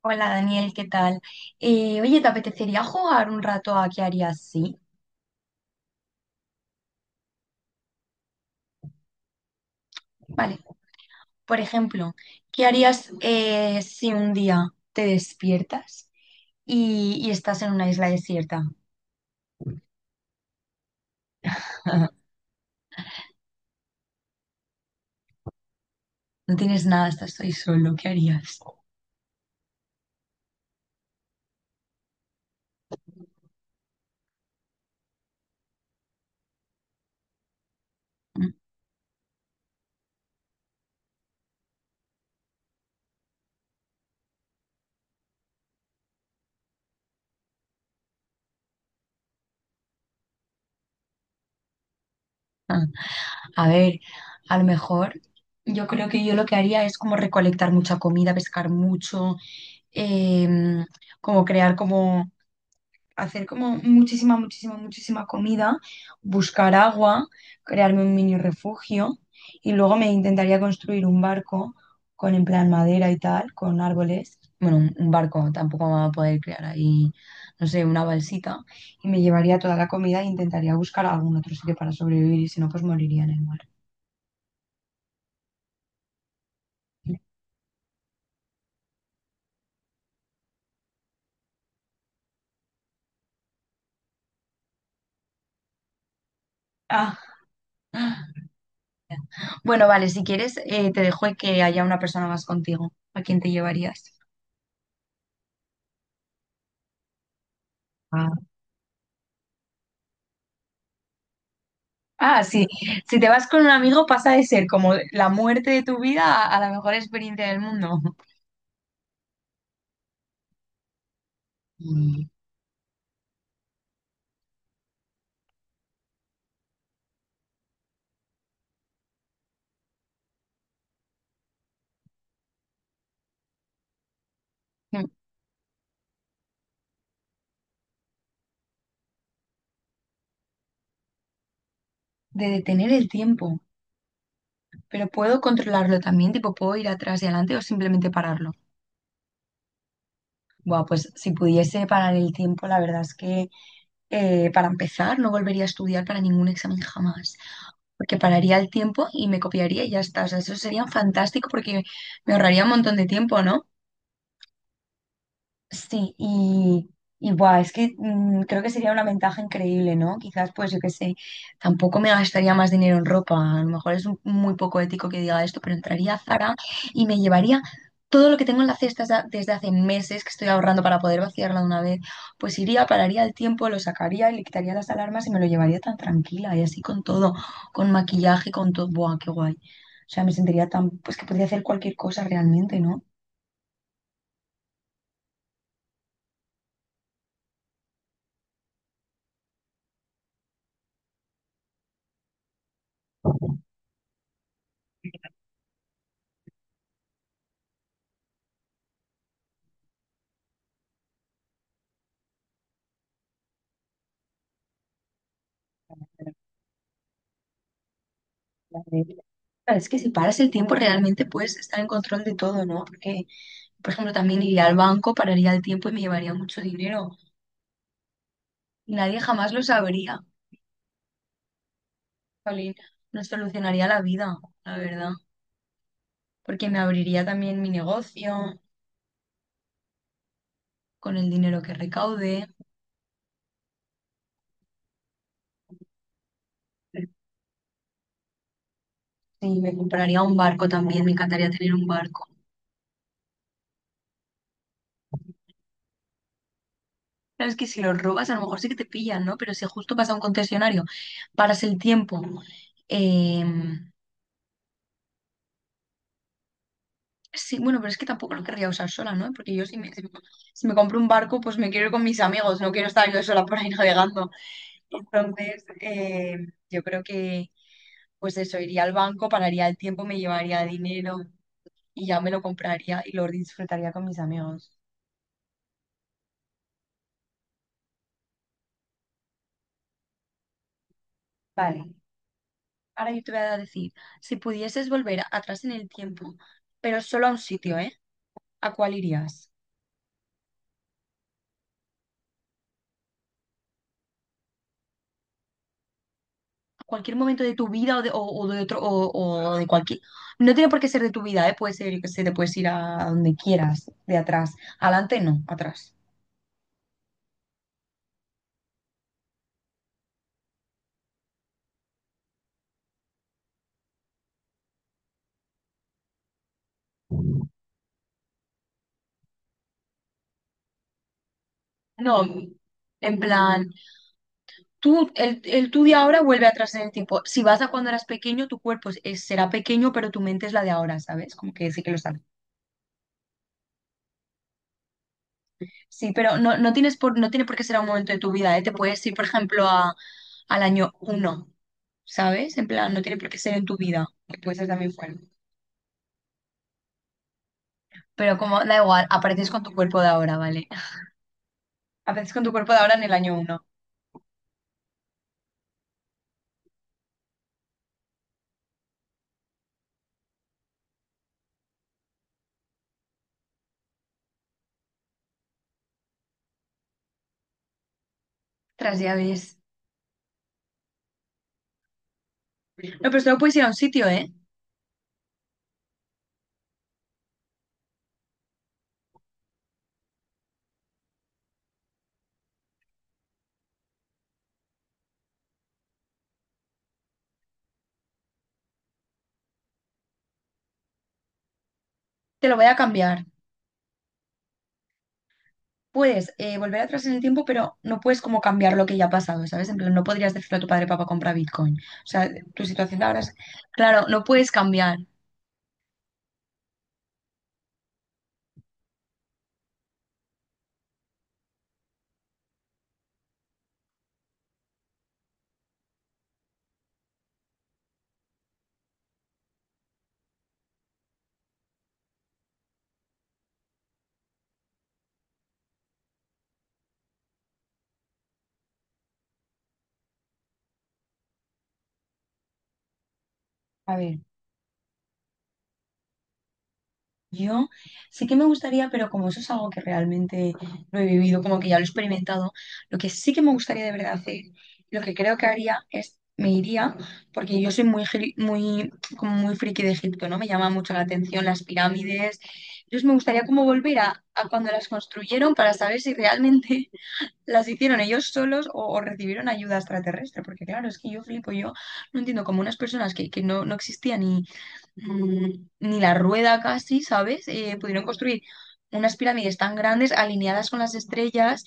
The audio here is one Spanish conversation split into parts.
Hola Daniel, ¿qué tal? Oye, ¿te apetecería jugar un rato a qué harías sí? Vale, por ejemplo, ¿qué harías si un día te despiertas y estás en una isla desierta? No tienes nada, estás ahí solo, ¿qué harías? Mm. Ah, a ver, a lo mejor yo creo que yo lo que haría es como recolectar mucha comida, pescar mucho, em, como crear como hacer como muchísima, muchísima, muchísima comida, buscar agua, crearme un mini refugio y luego me intentaría construir un barco con en plan madera y tal, con árboles. Bueno, un barco, tampoco me va a poder crear ahí, no sé, una balsita. Y me llevaría toda la comida e intentaría buscar algún otro sitio para sobrevivir y si no, pues moriría en el mar. Ah. Bueno, vale, si quieres, te dejo que haya una persona más contigo. ¿A quién te llevarías? Ah, sí. Si te vas con un amigo pasa de ser como la muerte de tu vida a la mejor experiencia del mundo. Mm. De detener el tiempo. Pero puedo controlarlo también, tipo, puedo ir atrás y adelante o simplemente pararlo. Buah, pues si pudiese parar el tiempo, la verdad es que para empezar no volvería a estudiar para ningún examen jamás, porque pararía el tiempo y me copiaría y ya está. O sea, eso sería fantástico porque me ahorraría un montón de tiempo, ¿no? Sí, y buah, es que mm, creo que sería una ventaja increíble, ¿no? Quizás, pues yo qué sé, tampoco me gastaría más dinero en ropa. A lo mejor es muy poco ético que diga esto, pero entraría a Zara y me llevaría todo lo que tengo en la cesta desde hace meses que estoy ahorrando para poder vaciarla de una vez. Pues iría, pararía el tiempo, lo sacaría y le quitaría las alarmas y me lo llevaría tan tranquila y así con todo, con maquillaje, con todo. Buah, qué guay. O sea, me sentiría tan, pues que podría hacer cualquier cosa realmente, ¿no? La regla. Claro, es que si paras el tiempo realmente puedes estar en control de todo, ¿no? Porque, por ejemplo, también iría al banco, pararía el tiempo y me llevaría mucho dinero. Y nadie jamás lo sabría. Jolín, nos solucionaría la vida, la verdad. Porque me abriría también mi negocio con el dinero que recaude. Sí, me compraría un barco también, me encantaría tener un barco. Claro, es que si lo robas, a lo mejor sí que te pillan, ¿no? Pero si justo vas a un concesionario, paras el tiempo, em. Sí, bueno, pero es que tampoco lo querría usar sola, ¿no? Porque yo si me compro un barco, pues me quiero ir con mis amigos, no quiero estar yo sola por ahí navegando. Entonces, yo creo que, pues eso, iría al banco, pararía el tiempo, me llevaría dinero y ya me lo compraría y lo disfrutaría con mis amigos. Vale, ahora yo te voy a decir, si pudieses volver atrás en el tiempo, pero solo a un sitio, ¿eh? ¿A cuál irías? Cualquier momento de tu vida o de otro, o de cualquier. No tiene por qué ser de tu vida, ¿eh? Puede ser, yo qué sé, te puedes ir a donde quieras, de atrás. Adelante, no, atrás. No, en plan, tú, el tú de ahora vuelve atrás en el tiempo. Si vas a cuando eras pequeño, tu cuerpo será pequeño, pero tu mente es la de ahora, ¿sabes? Como que sí que lo sabes. Sí, pero no, no tienes por, no tiene por qué ser a un momento de tu vida, ¿eh? Te puedes ir, por ejemplo, a, al año uno, ¿sabes? En plan, no tiene por qué ser en tu vida, puede ser también fuera. Pero como, da igual, apareces con tu cuerpo de ahora, ¿vale? Apareces con tu cuerpo de ahora en el año uno. Tras ya ves. No, pero solo puedes ir a un sitio, ¿eh? Te lo voy a cambiar. Puedes volver atrás en el tiempo, pero no puedes como cambiar lo que ya ha pasado, ¿sabes? En plan, no podrías decirle a tu padre, papá, compra Bitcoin. O sea, tu situación de ahora es... Claro, no puedes cambiar. A ver. Yo sí que me gustaría, pero como eso es algo que realmente no he vivido, como que ya lo he experimentado, lo que sí que me gustaría de verdad hacer, lo que creo que haría es, me iría, porque yo soy muy, muy, como muy friki de Egipto, ¿no? Me llama mucho la atención las pirámides. Entonces me gustaría como volver a cuando las construyeron para saber si realmente las hicieron ellos solos o recibieron ayuda extraterrestre, porque claro, es que yo flipo, yo no entiendo cómo unas personas que no, no existían y mm, ni la rueda casi, ¿sabes? Pudieron construir unas pirámides tan grandes alineadas con las estrellas.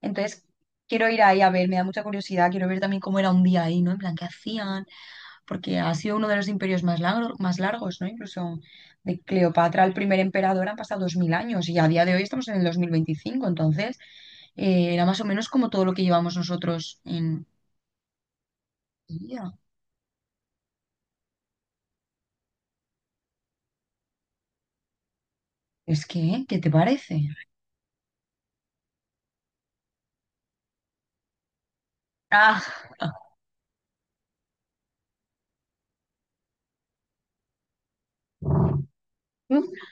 Entonces, quiero ir ahí a ver, me da mucha curiosidad, quiero ver también cómo era un día ahí, ¿no? En plan, ¿qué hacían? Porque ha sido uno de los imperios más largos, ¿no? Incluso de Cleopatra, el primer emperador, han pasado 2000 años y a día de hoy estamos en el 2025, entonces era más o menos como todo lo que llevamos nosotros en... vida. Es que, ¿qué te parece? Ah,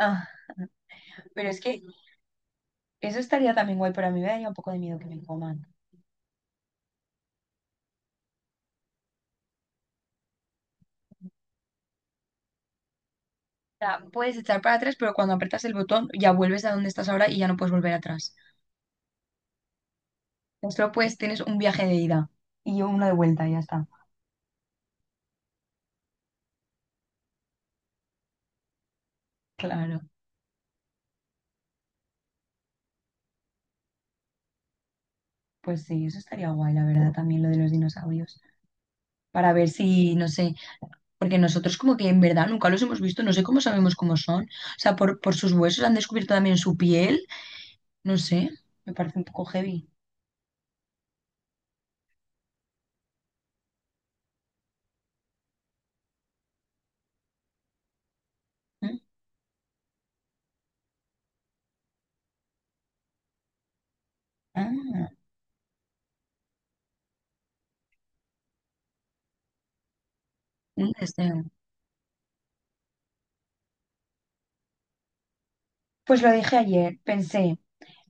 ah, pero es que eso estaría también guay, pero a mí me daría un poco de miedo que me coman. O sea, puedes echar para atrás, pero cuando aprietas el botón ya vuelves a donde estás ahora y ya no puedes volver atrás. Solo pues tienes un viaje de ida y uno de vuelta y ya está. Claro, pues sí, eso estaría guay, la verdad, también lo de los dinosaurios. Para ver si, no sé, porque nosotros como que en verdad nunca los hemos visto, no sé cómo sabemos cómo son. O sea, por sus huesos han descubierto también su piel, no sé, me parece un poco heavy. ¿Mm? Ah, un deseo. Pues lo dije ayer, pensé.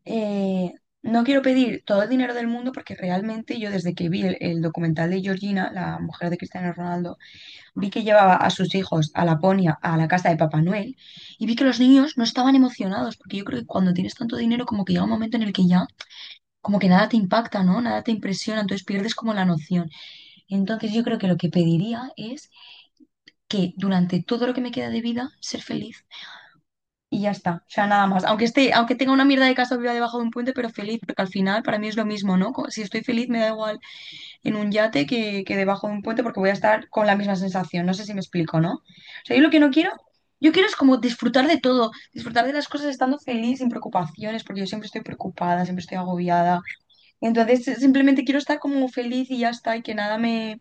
eh, no quiero pedir todo el dinero del mundo porque realmente yo desde que vi el documental de Georgina, la mujer de Cristiano Ronaldo, vi que llevaba a sus hijos a Laponia, a la casa de Papá Noel, y vi que los niños no estaban emocionados, porque yo creo que cuando tienes tanto dinero como que llega un momento en el que ya como que nada te impacta, ¿no? Nada te impresiona, entonces pierdes como la noción. Entonces yo creo que lo que pediría es que durante todo lo que me queda de vida, ser feliz y ya está, o sea, nada más. Aunque esté, aunque tenga una mierda de casa viva debajo de un puente, pero feliz, porque al final para mí es lo mismo, ¿no? Co- Si estoy feliz me da igual en un yate que debajo de un puente porque voy a estar con la misma sensación, no sé si me explico, ¿no? O sea, yo lo que no quiero, yo quiero es como disfrutar de todo, disfrutar de las cosas estando feliz, sin preocupaciones, porque yo siempre estoy preocupada, siempre estoy agobiada. Entonces, simplemente quiero estar como feliz y ya está, y que nada me...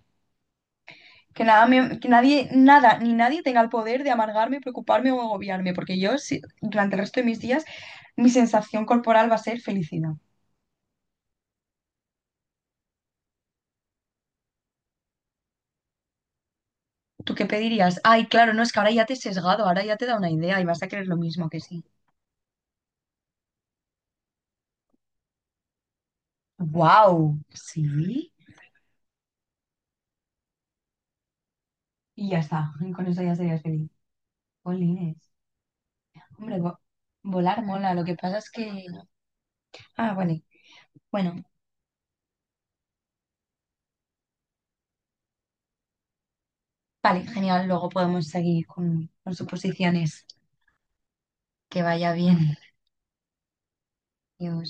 Que nada me- que nadie, nada, ni nadie tenga el poder de amargarme, preocuparme o agobiarme, porque yo, durante el resto de mis días, mi sensación corporal va a ser felicidad. ¿Tú qué pedirías? Ay, claro, no, es que ahora ya te he sesgado, ahora ya te da una idea y vas a creer lo mismo que sí. ¡Wow! Sí. Y ya está, y con eso ya serías feliz. Jolines. Hombre, volar mola, lo que pasa es que... Ah, bueno, bueno, vale, genial, luego podemos seguir con suposiciones. Que vaya bien. Adiós.